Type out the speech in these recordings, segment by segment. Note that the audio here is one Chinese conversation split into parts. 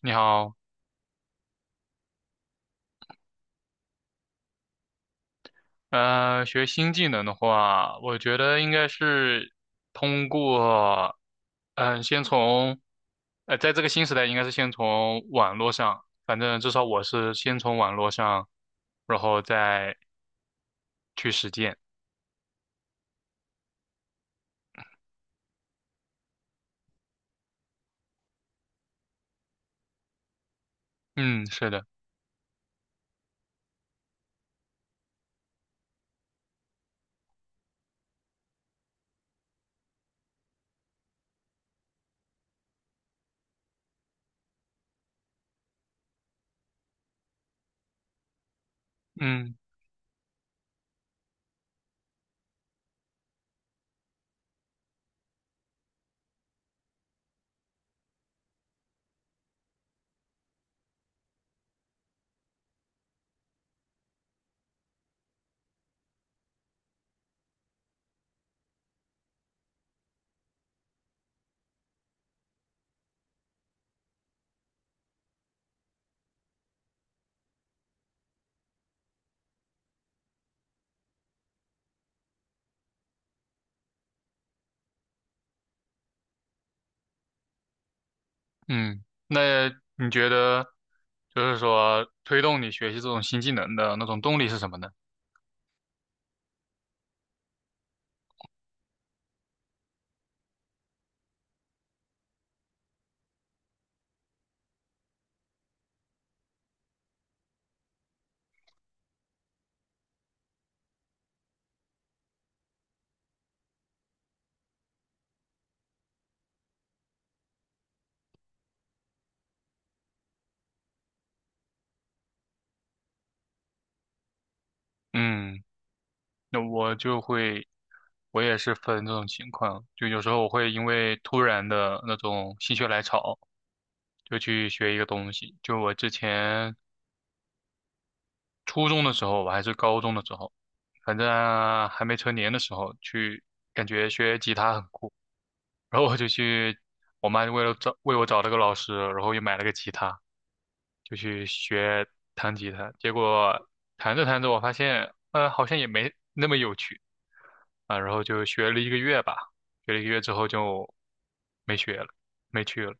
你好。学新技能的话，我觉得应该是通过，先从，在这个新时代，应该是先从网络上，反正至少我是先从网络上，然后再去实践。嗯，是的。嗯嗯。那你觉得，就是说推动你学习这种新技能的那种动力是什么呢？嗯。那我就会，我也是分这种情况，就有时候我会因为突然的那种心血来潮，就去学一个东西。就我之前初中的时候吧，还是高中的时候，反正还没成年的时候，去感觉学吉他很酷。然后我就去，我妈为了找为我找了个老师，然后又买了个吉他，就去学弹吉他。结果弹着弹着，我发现，好像也没那么有趣啊。然后就学了一个月吧，学了一个月之后就没学了，没去了。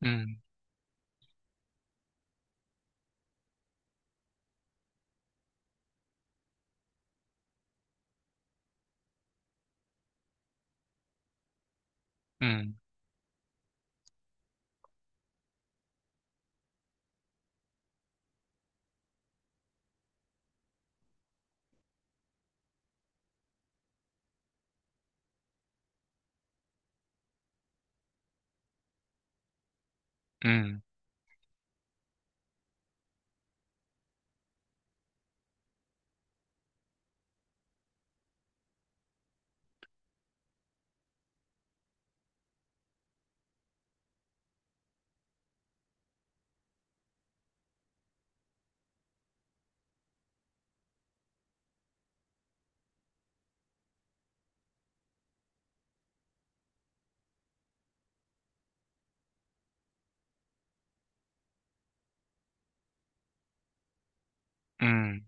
嗯嗯嗯嗯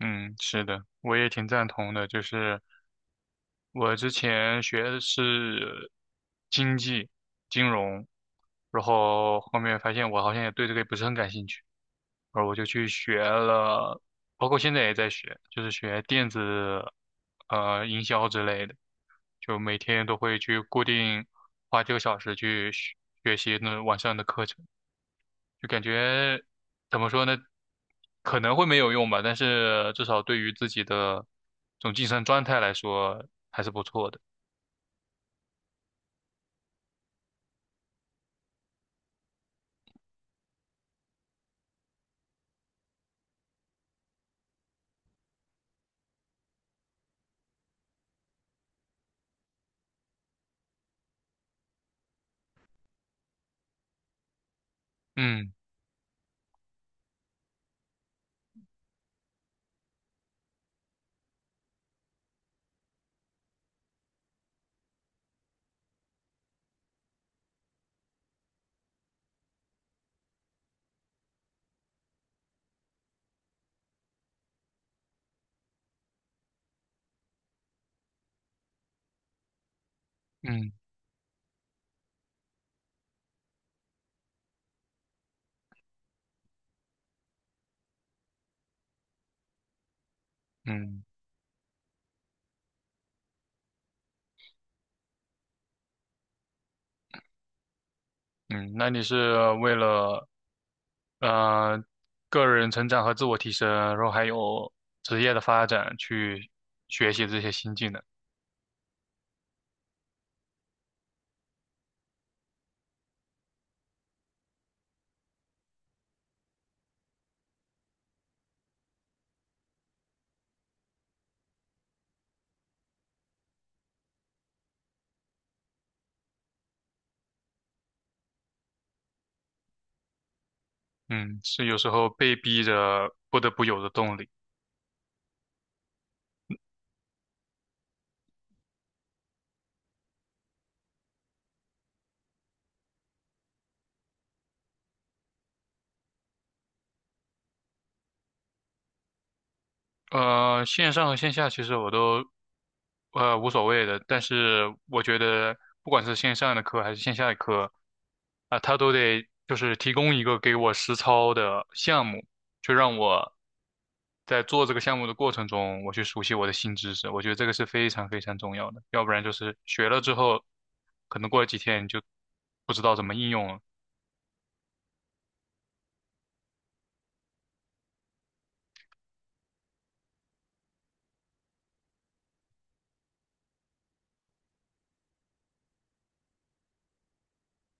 嗯，是的。我也挺赞同的，就是。我之前学的是经济、金融，然后后面发现我好像也对这个也不是很感兴趣，然后我就去学了，包括现在也在学，就是学电子营销之类的，就每天都会去固定花几个小时去学学习那网上的课程，就感觉怎么说呢，可能会没有用吧，但是至少对于自己的这种晋升状态来说还是不错的。嗯嗯嗯嗯。那你是为了呃个人成长和自我提升，然后还有职业的发展去学习这些新技能。嗯，是有时候被逼着不得不有的动力。线上和线下其实我都无所谓的，但是我觉得不管是线上的课还是线下的课，啊、他都得就是提供一个给我实操的项目，就让我在做这个项目的过程中，我去熟悉我的新知识。我觉得这个是非常非常重要的，要不然就是学了之后，可能过了几天你就不知道怎么应用了。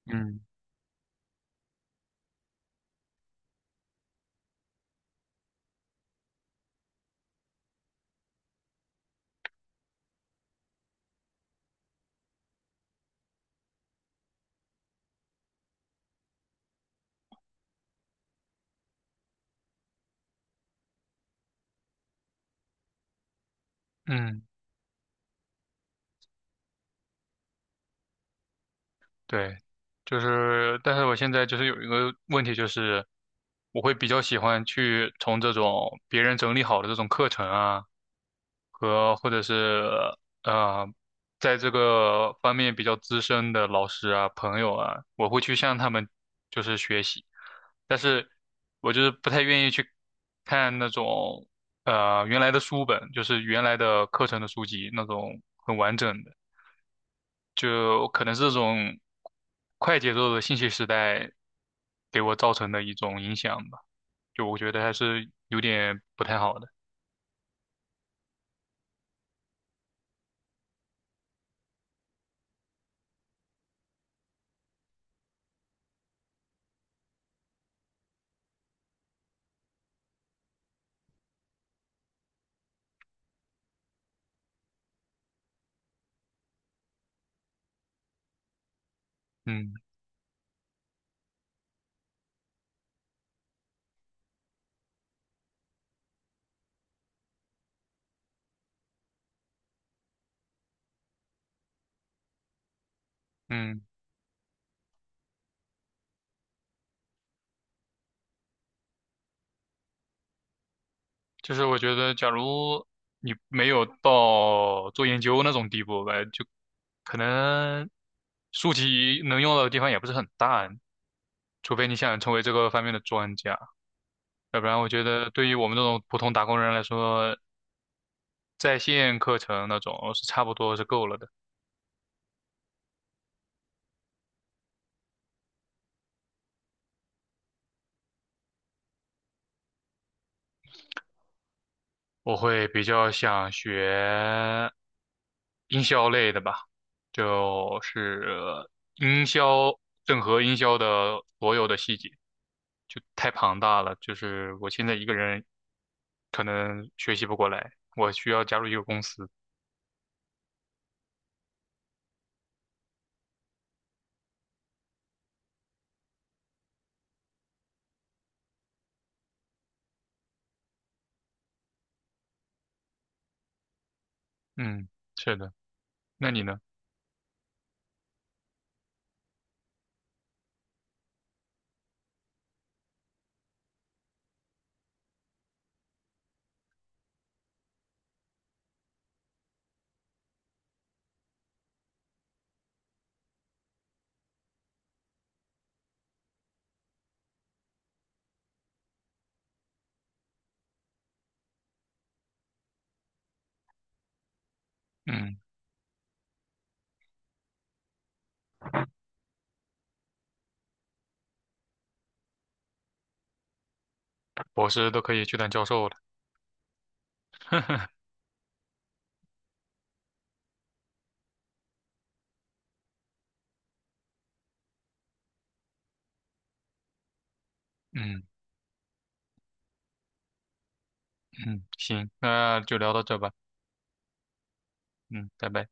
嗯。嗯。对，就是，但是我现在就是有一个问题，就是我会比较喜欢去从这种别人整理好的这种课程啊，和或者是呃，在这个方面比较资深的老师啊、朋友啊，我会去向他们就是学习，但是我就是不太愿意去看那种原来的书本，就是原来的课程的书籍那种很完整的。就可能是这种快节奏的信息时代给我造成的一种影响吧，就我觉得还是有点不太好的。嗯嗯。就是我觉得，假如你没有到做研究那种地步吧，就可能书籍能用到的地方也不是很大，除非你想成为这个方面的专家，要不然我觉得对于我们这种普通打工人来说，在线课程那种是差不多是够了的。我会比较想学营销类的吧，就是营销，整合营销的所有的细节，就太庞大了，就是我现在一个人可能学习不过来，我需要加入一个公司。嗯，是的。那你呢？嗯，博士都可以去当教授了。嗯嗯，行，那就聊到这吧。嗯，拜拜。